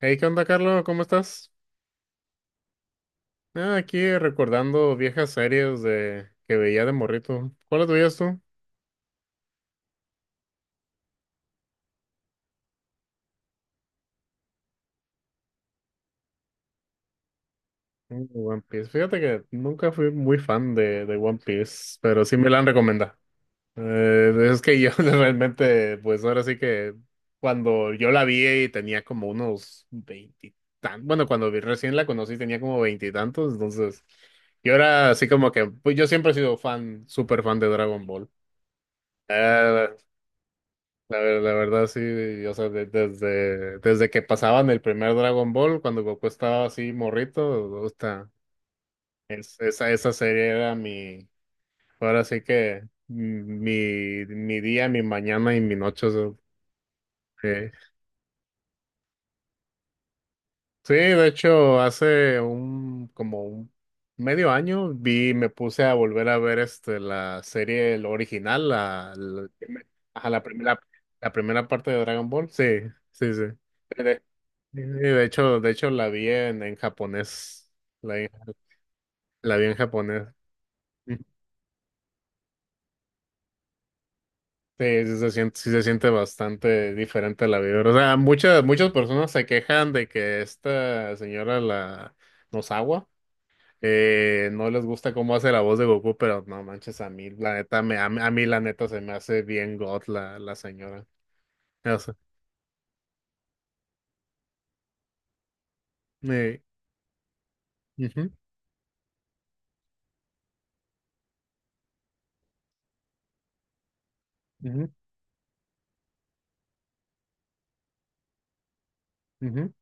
Hey, ¿qué onda, Carlos? ¿Cómo estás? Ah, aquí recordando viejas series de que veía de morrito. ¿Cuáles veías tú? Mm, One Piece. Fíjate que nunca fui muy fan de One Piece, pero sí me la han recomendado. Es que yo realmente, pues ahora sí que cuando yo la vi y tenía como unos veintitantos, bueno, cuando recién la conocí tenía como veintitantos, entonces yo era así como que, pues yo siempre he sido fan, súper fan de Dragon Ball. Eh, la verdad, sí, o sea, desde que pasaban el primer Dragon Ball, cuando Goku estaba así morrito, gusta. Esa serie era ahora sí que mi día, mi mañana y mi noche. O sea, sí. Sí, de hecho, hace un como un medio año me puse a volver a ver la serie, la original, ajá, primera primera parte de Dragon Ball. Sí, sí, sí. Sí, sí, sí, de hecho, la vi en japonés. La, vi la vi en japonés. Sí, sí se siente bastante diferente la vida. O sea, muchas personas se quejan de que esta señora la nos agua. No les gusta cómo hace la voz de Goku, pero no manches, a mí, la neta, me, a mí, la neta, se me hace bien God la señora. O sea, eh, ujú, ujú, ujú.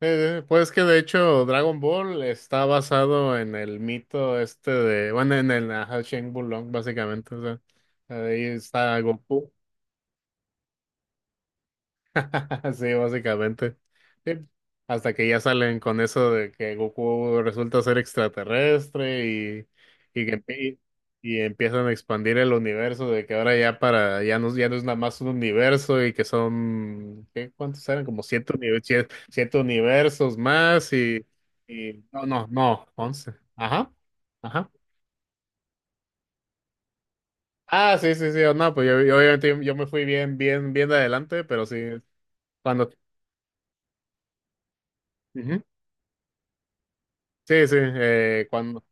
Pues que de hecho Dragon Ball está basado en el mito este bueno, en el ajá, Shen Wulong, básicamente, o sea, ahí está Goku. Sí, básicamente. Sí. Hasta que ya salen con eso de que Goku resulta ser extraterrestre y, y que empie- y empiezan a expandir el universo de que ahora ya para, ya no, ya no es nada más un universo y que son, ¿qué? ¿Cuántos eran? Como siete, siete universos más y, no, no, no, 11. Ajá, ajá. Ah, sí, sí, sí, oh, no, pues yo, yo me fui bien, bien, bien de adelante, pero sí, cuando... ujú. Sí, sí, cuando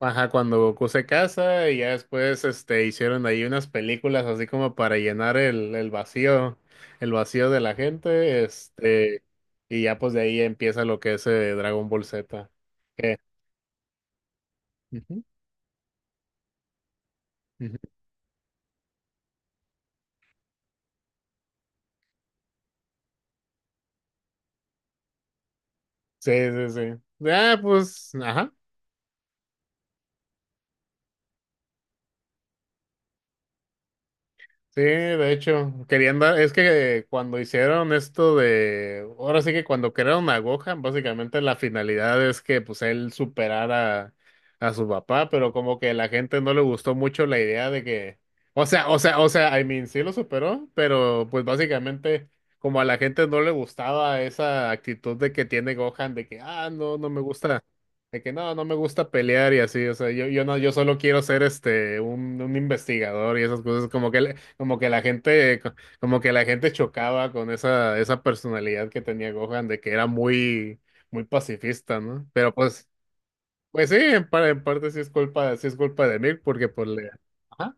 ajá, cuando Goku se casa y ya después hicieron ahí unas películas así como para llenar el vacío, de la gente, y ya pues de ahí empieza lo que es Dragon Ball Z. que- Ujú, ujú. Sí, sí, sí. Ah, pues, ajá. Sí, de hecho, es que cuando hicieron esto de, ahora sí que cuando crearon a Gohan, básicamente la finalidad es que pues él superara a su papá, pero como que la gente no le gustó mucho la idea de que, o sea, I mean, sí lo superó, pero pues básicamente como a la gente no le gustaba esa actitud de que tiene Gohan, de que, ah, no, no me gusta. De que no, no me gusta pelear y así, o sea, yo no, yo solo quiero ser un investigador y esas cosas, como que le- como que la gente, co- como que la gente chocaba con esa, esa personalidad que tenía Gohan, de que era muy, muy pacifista, ¿no? Pero pues sí, en parte sí es culpa de Milk, porque pues le... Ajá.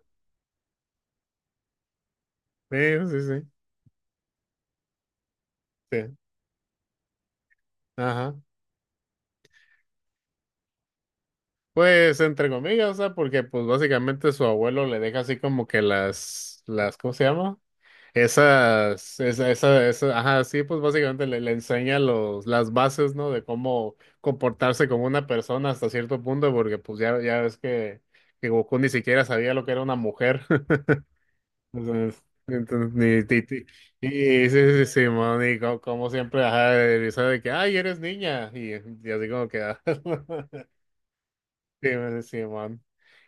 Sí, sí, sí, sí, ajá. Pues entre comillas, o sea, porque pues básicamente su abuelo le deja así como que las, ¿cómo se llama? Esa, ajá, sí, pues básicamente le enseña las bases, ¿no? De cómo comportarse como una persona hasta cierto punto, porque pues ya ves que Goku ni siquiera sabía lo que era una mujer. Entonces, entonces, ni, ti- ti- y, Sí, sí, sí, mon, como, siempre, ajá, de risa de que, ay, eres niña, y, así como que, ah. Sí, man, sí, man.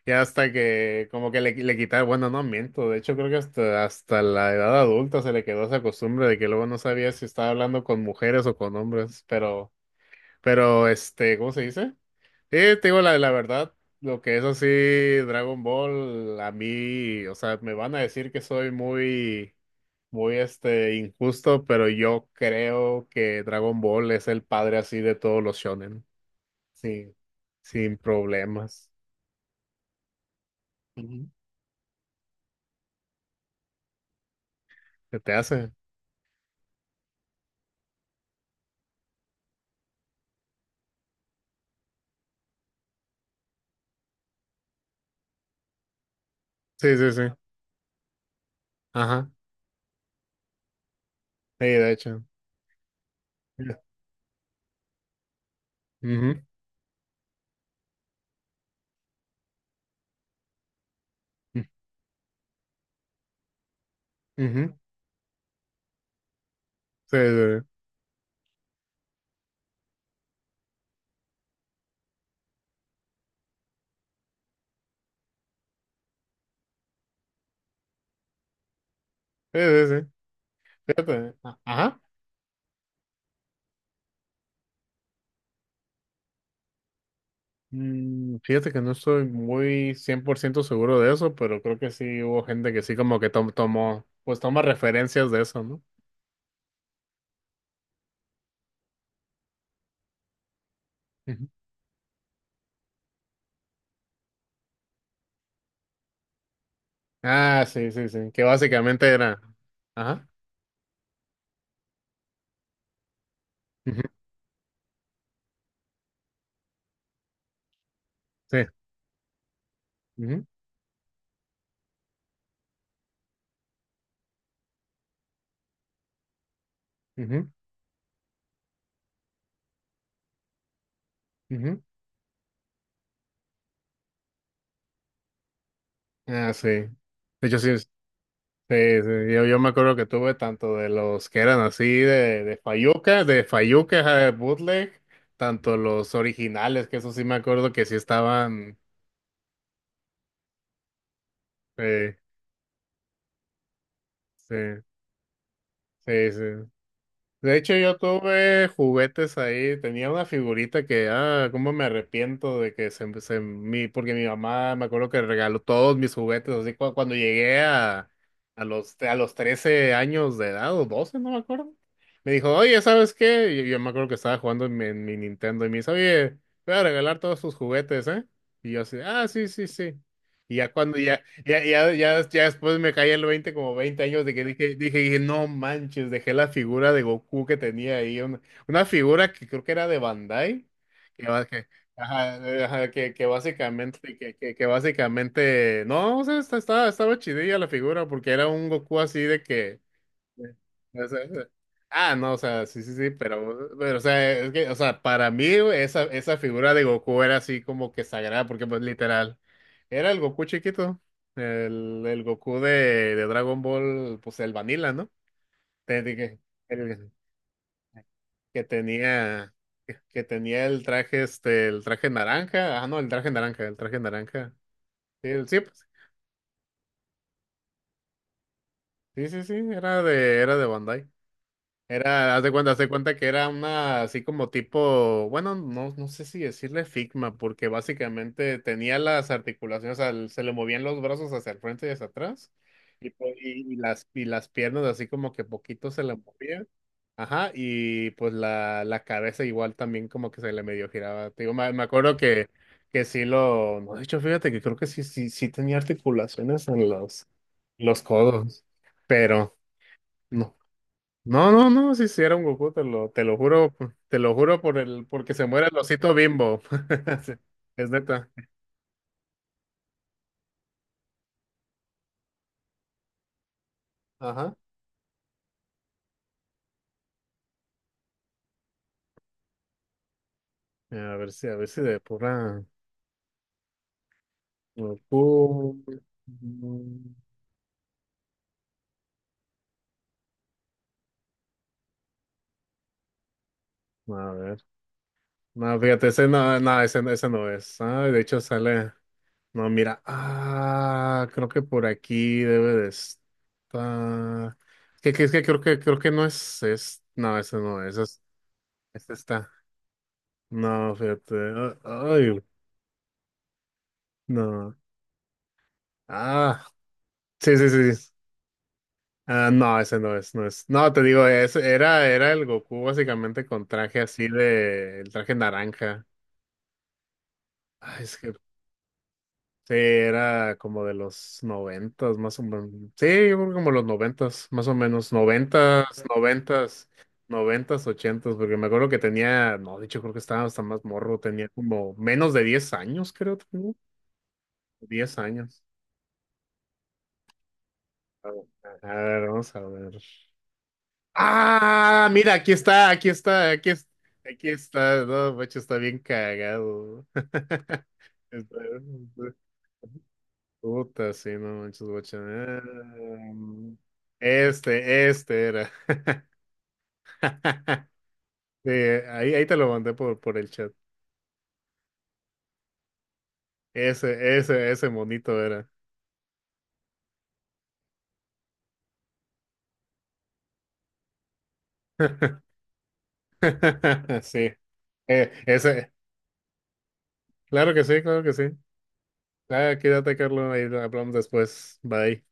Y hasta que como que le quitaron, bueno, no miento, de hecho creo que hasta la edad adulta se le quedó esa costumbre de que luego no sabía si estaba hablando con mujeres o con hombres, pero, ¿cómo se dice? Sí, te digo la verdad, lo que es así, Dragon Ball, a mí, o sea, me van a decir que soy muy, muy injusto, pero yo creo que Dragon Ball es el padre así de todos los shonen, sí, sin problemas. Ujú. ¿Qué te hace? Sí, sí, sí. Ajá. Sí, de hecho. Ya. Ujú. Ujú. Sí, sí, sí. Sí, sí, sí. Fíjate. Ajá. Fíjate que no estoy muy 100% seguro de eso, pero creo que sí hubo gente que sí como que tomó, pues toma referencias de eso, ¿no? Ujú. Ah, sí, sí, sí. Que básicamente era. Ajá. Ujú. Sí. Ujú. Ujú. Ujú. Ah, sí. De hecho, sí, sí, sí, yo me acuerdo que tuve tanto de los que eran así de fayuca, ajá, de bootleg, tanto los originales, que eso sí me acuerdo que sí estaban, sí, sí, sí, sí. De hecho, yo tuve juguetes ahí, tenía una figurita que, ah, cómo me arrepiento de que porque mi mamá me acuerdo que regaló todos mis juguetes, así cuando llegué a, a los 13 años de edad, o 12 no me acuerdo, me dijo, oye, ¿sabes qué? Y yo, me acuerdo que estaba jugando en mi, Nintendo y me dice, oye, voy a regalar todos tus juguetes, ¿eh? Y yo así, ah, sí, sí, sí. Y ya cuando, ya, ya, ya, ya, ya después me caí el 20 como 20 años de que dije, no manches, dejé la figura de Goku que tenía ahí, una figura que creo que era de Bandai, que, ajá, ajá, que básicamente, no, o sea, estaba chidilla la figura, porque era un Goku así de que, o sea, o sea, ah, no, o sea, sí, sí, sí, pero, o sea, es que, o sea, para mí güey, esa figura de Goku era así como que sagrada, porque pues literal, era el Goku chiquito, el Goku de Dragon Ball, pues el Vanilla, ¿no? Te- de Que, el- que tenía, Que tenía el traje, el traje naranja, ah, no, el traje naranja, sí, sí, pues, sí, sí, sí, era era de Bandai. Era, haz de cuenta que era una así como tipo, bueno, no, no sé si decirle Figma, porque básicamente tenía las articulaciones, o sea, se le movían los brazos hacia el frente y hacia atrás, y, pues, y, y las piernas así como que poquito se le movían, ajá, y pues la cabeza igual también como que se le medio giraba. Te digo, me acuerdo que sí lo, no, de hecho, fíjate que creo que sí, sí tenía articulaciones en los codos, pero no. No, no, no, sí, sí era un Goku, te lo juro por el, porque se muere el osito Bimbo. Sí, es neta. Ajá. A ver si de pura Goku. mm, A ver. No, fíjate, ese, ese no es. Ay, de hecho sale. No, mira. Ah, creo que por aquí debe de estar. Es que creo que no es, es. No, ese no es. Este está. No, fíjate. Ay, no. Ah, sí, sí, sí, sí. Ah, no, ese no es, no es. No, te digo, ese era el Goku básicamente con traje así de, el traje naranja. Ay, es que sí, era como de los noventas, más o menos. Sí, yo creo como los noventas, más o menos. Noventas, noventas, noventas, ochentas, porque me acuerdo que tenía, no, de hecho creo que estaba hasta más morro, tenía como menos de 10 años, creo, tenía 10 años. A ver, a ver, vamos a ver. Ah, mira, aquí está, aquí está, aquí está. No, macho, está bien cagado. Está- Puta, sí, no manches, guacha. Ah, este era. Sí, ahí, te lo mandé por, el chat. Ese monito era. Sí, ese. Claro que sí, claro que sí. Ah, quédate, Carlos, ahí hablamos después. Bye.